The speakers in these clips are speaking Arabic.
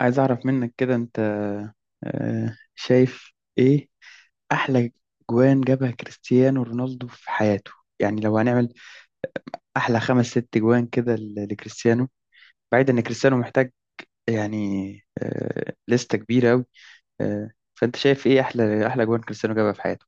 عايز أعرف منك كده. أنت شايف إيه أحلى جوان جابها كريستيانو رونالدو في حياته؟ يعني لو هنعمل أحلى خمس ست جوان كده لكريستيانو، بعيد إن كريستيانو محتاج، يعني لستة كبيرة أوي. فأنت شايف إيه أحلى جوان كريستيانو جابها في حياته؟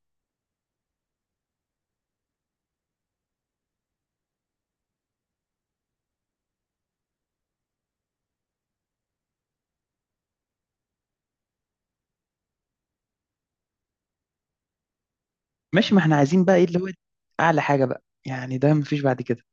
ماشي، ما إحنا عايزين بقى إيه اللي هو أعلى حاجة بقى، يعني ده مفيش بعد كده.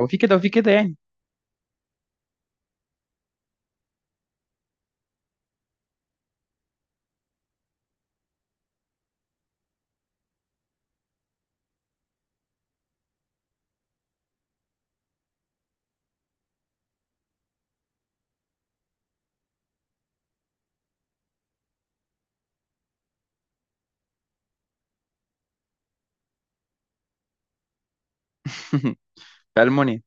هو في كده وفي كده يعني. في ألمونيا.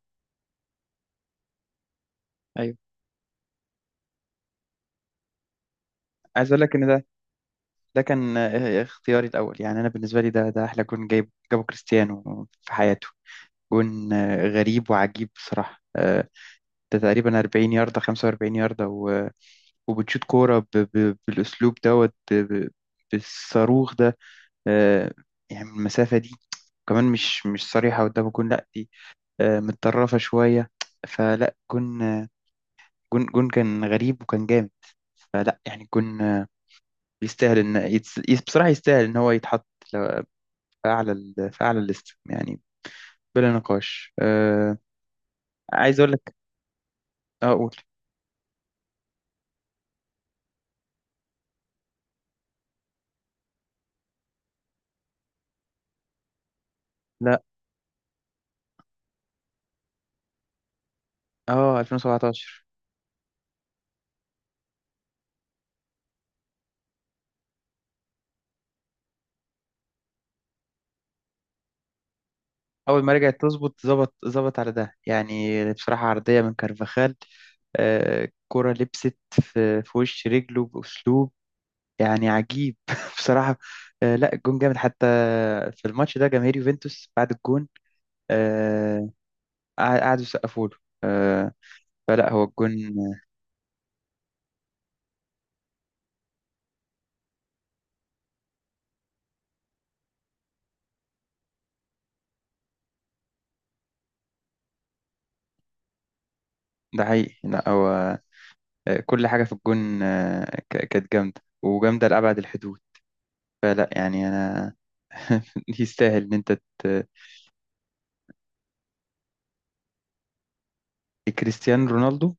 أيوه. عايز أقول لك إن ده كان، اختياري الأول. يعني أنا بالنسبة لي ده أحلى جون جابه كريستيانو في حياته. جون غريب وعجيب بصراحة. ده تقريبا 40 ياردة، 45 ياردة، وبتشوت كورة بالأسلوب دوت بالصاروخ ده. آه، يعني من المسافة دي، كمان مش صريحة قدام الجون، لأ دي متطرفة شوية. فلا جون، جون كان غريب وكان جامد. فلا يعني جون، يستاهل إن بصراحة يستاهل إن هو يتحط فأعلى الليست، يعني بلا نقاش. عايز أقول لك، آه، أقول لا. أه، 2017. أول ما رجعت تظبط، ظبط على ده، يعني بصراحة عرضية من كارفاخال. آه، كرة لبست في وش رجله بأسلوب يعني عجيب بصراحة. آه، لا الجون جامد حتى. في الماتش ده جماهير يوفنتوس بعد الجون، آه قعدوا يسقفوا له. آه فلا هو الجون. ده حقيقي. لا هو كل حاجة في الجون كانت جامدة وجامدة لأبعد الحدود. فلا يعني أنا يستاهل إن أنت ت- كريستيانو رونالدو،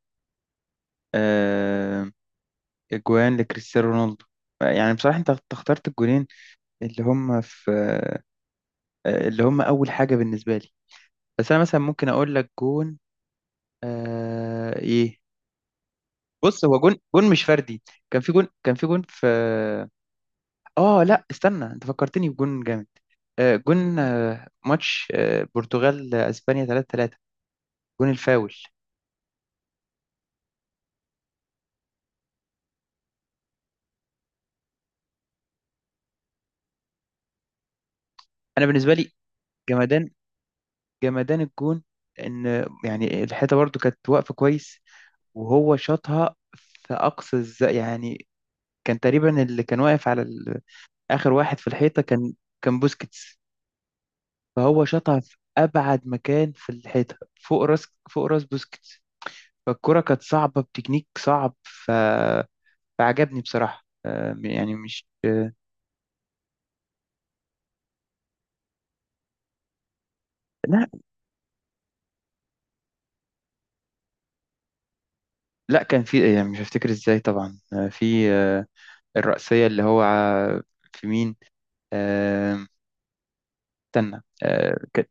آه، أجوان لكريستيانو رونالدو. يعني بصراحة أنت اخترت الجونين اللي هم في، اللي هم أول حاجة بالنسبة لي. بس أنا مثلا ممكن أقول لك جون، إيه. بص، هو جون مش فردي. كان في جون، كان في جون في. اه، لا استنى، انت فكرتني بجون جامد. جون ماتش برتغال اسبانيا 3-3، جون الفاول. انا بالنسبه لي جمدان، جمدان الجون. ان يعني الحيطه برضو كانت واقفه كويس، وهو شاطها في اقصى الز... يعني كان تقريبا اللي كان واقف على ال... اخر واحد في الحيطه كان بوسكيتس. فهو شاطها في ابعد مكان في الحيطه، فوق راس بوسكيتس. فالكره كانت صعبه بتكنيك صعب. فعجبني بصراحة، يعني مش لا. لا، كان في، يعني مش هفتكر ازاي طبعا. في الرأسية اللي هو في مين؟ آه، استنى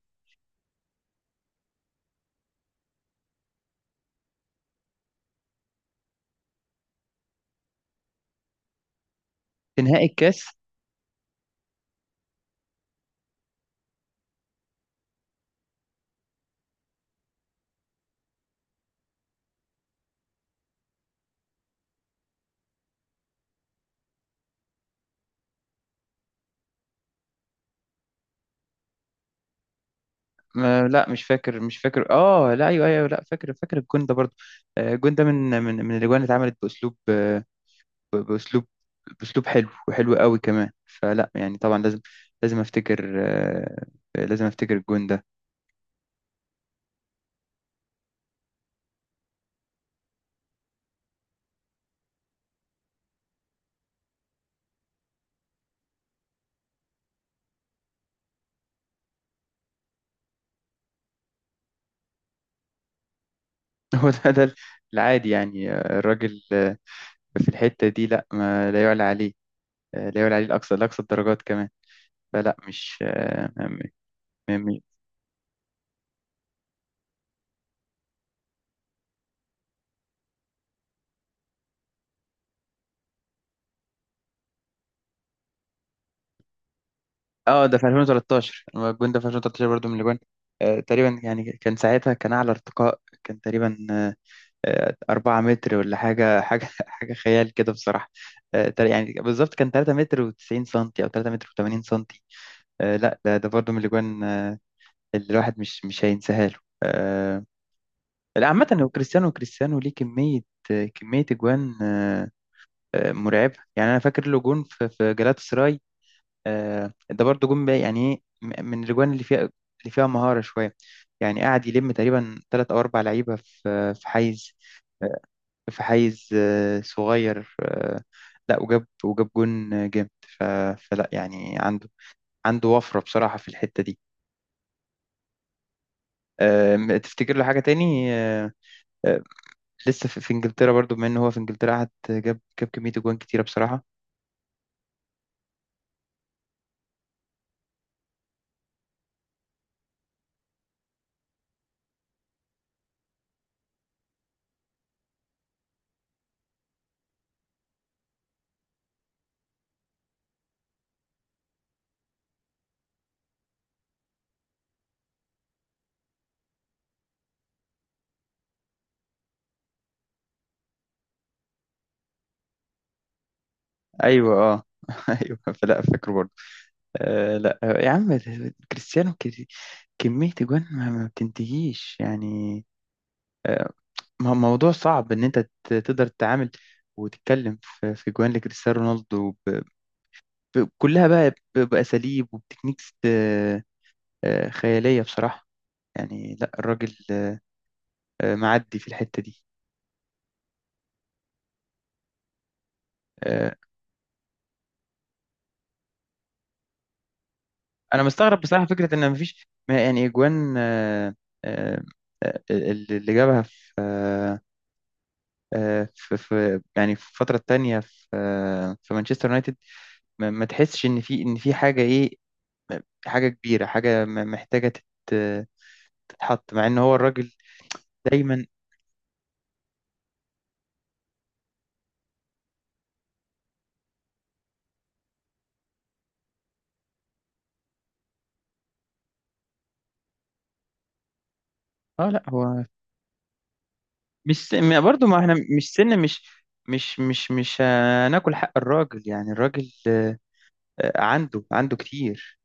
في نهائي الكاس. لا مش فاكر، اه لا ايوه ايوه، لا فاكر، الجون ده برضه. الجون ده من الاجوان اللي اتعملت باسلوب، ب- باسلوب باسلوب حلو وحلو قوي كمان. فلا يعني طبعا، لازم افتكر، لازم افتكر الجون ده. هو ده العادي، يعني الراجل في الحتة دي، لا، ما لا يعلى عليه. لا يعلى عليه الأقصى، الدرجات كمان. فلا مش م- م- اه، ده في 2013. هو الجون ده في 2013 برضو من الأجوان. تقريبا يعني، كان ساعتها كان أعلى ارتقاء كان تقريبا 4 متر ولا حاجة، حاجة خيال كده بصراحة. يعني بالظبط كان 3 متر و90 سنتي أو 3 متر و80 سنتي. لا ده برضو من الأجوان، اللي الواحد مش هينساها له. آه، لا عامة، هو كريستيانو، ليه كمية، أجوان مرعبة. يعني أنا فاكر له جون في جلاتا سراي. ده برضه جون بقى، يعني إيه من الأجوان اللي فيها، مهارة شوية. يعني قاعد يلم تقريبا تلات أو أربع لعيبة في حيز، آه، في حيز صغير. لا، وجاب جون جامد. ف- فلا يعني عنده وفرة بصراحة في الحتة دي. تفتكر له حاجة تاني؟ آه، لسه في انجلترا، برضو بما ان هو في انجلترا قعد جاب كمية جوان كتيرة بصراحة. ايوه، اه، ايوه، فلا فاكره برضو. لا، يا عم كريستيانو، كمية جوان ما بتنتهيش يعني. آه، موضوع صعب ان انت تقدر تتعامل وتتكلم في جوان لكريستيانو رونالدو، كلها بقى، بأساليب وبتكنيكس خيالية بصراحة. يعني لا الراجل معدي في الحتة دي. آه، انا مستغرب بصراحة فكرة ان مفيش، ما يعني، جوان آه، اللي جابها في في يعني، في الفترة التانية في في مانشستر يونايتد. ما تحسش إن في، إن في حاجة إيه، حاجة كبيرة، حاجة محتاجة تتحط، مع إن هو الراجل دايما. لا هو مش س- برضه، ما إحنا مش سن، مش هناكل حق الراجل. يعني الراجل عنده كتير.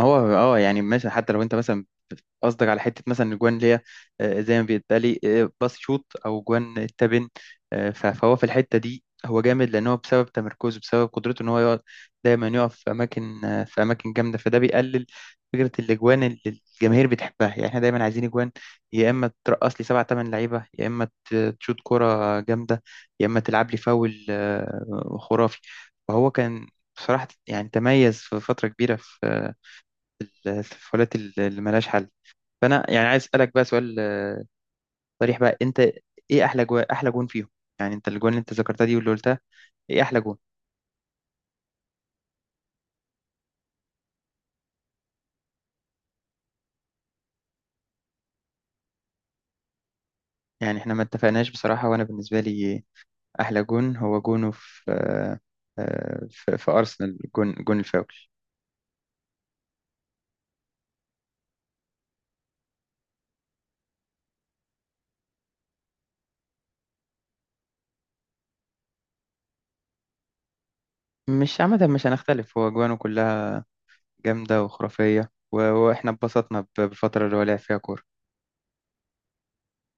هو اه يعني مثلا، حتى لو انت مثلا قصدك على حته مثلا الجوان اللي هي زي ما بيتقالي، باص شوت، او جوان التبن. فهو في الحته دي هو جامد، لان هو بسبب تمركزه، بسبب قدرته ان هو يقعد دايما يقف في اماكن، في اماكن جامده، فده بيقلل فكره الاجوان اللي الجماهير بتحبها. يعني احنا دايما عايزين اجوان، يا اما ترقص لي سبع ثمان لعيبه، يا اما تشوت كوره جامده، يا اما تلعب لي فاول خرافي. فهو كان بصراحه، يعني تميز في فتره كبيره في الفاولات اللي ملهاش حل. فانا يعني عايز اسالك بقى سؤال صريح بقى، انت ايه احلى جو... احلى جون فيهم؟ يعني انت الجون اللي انت ذكرتها دي واللي قلتها، ايه احلى جون؟ يعني احنا ما اتفقناش بصراحه. وانا بالنسبه لي احلى جون هو جونه في في ارسنال، جون الفاول. مش، عامه مش هنختلف، هو جوانه كلها جامده وخرافيه، واحنا اتبسطنا بالفتره اللي هو لعب فيها كوره.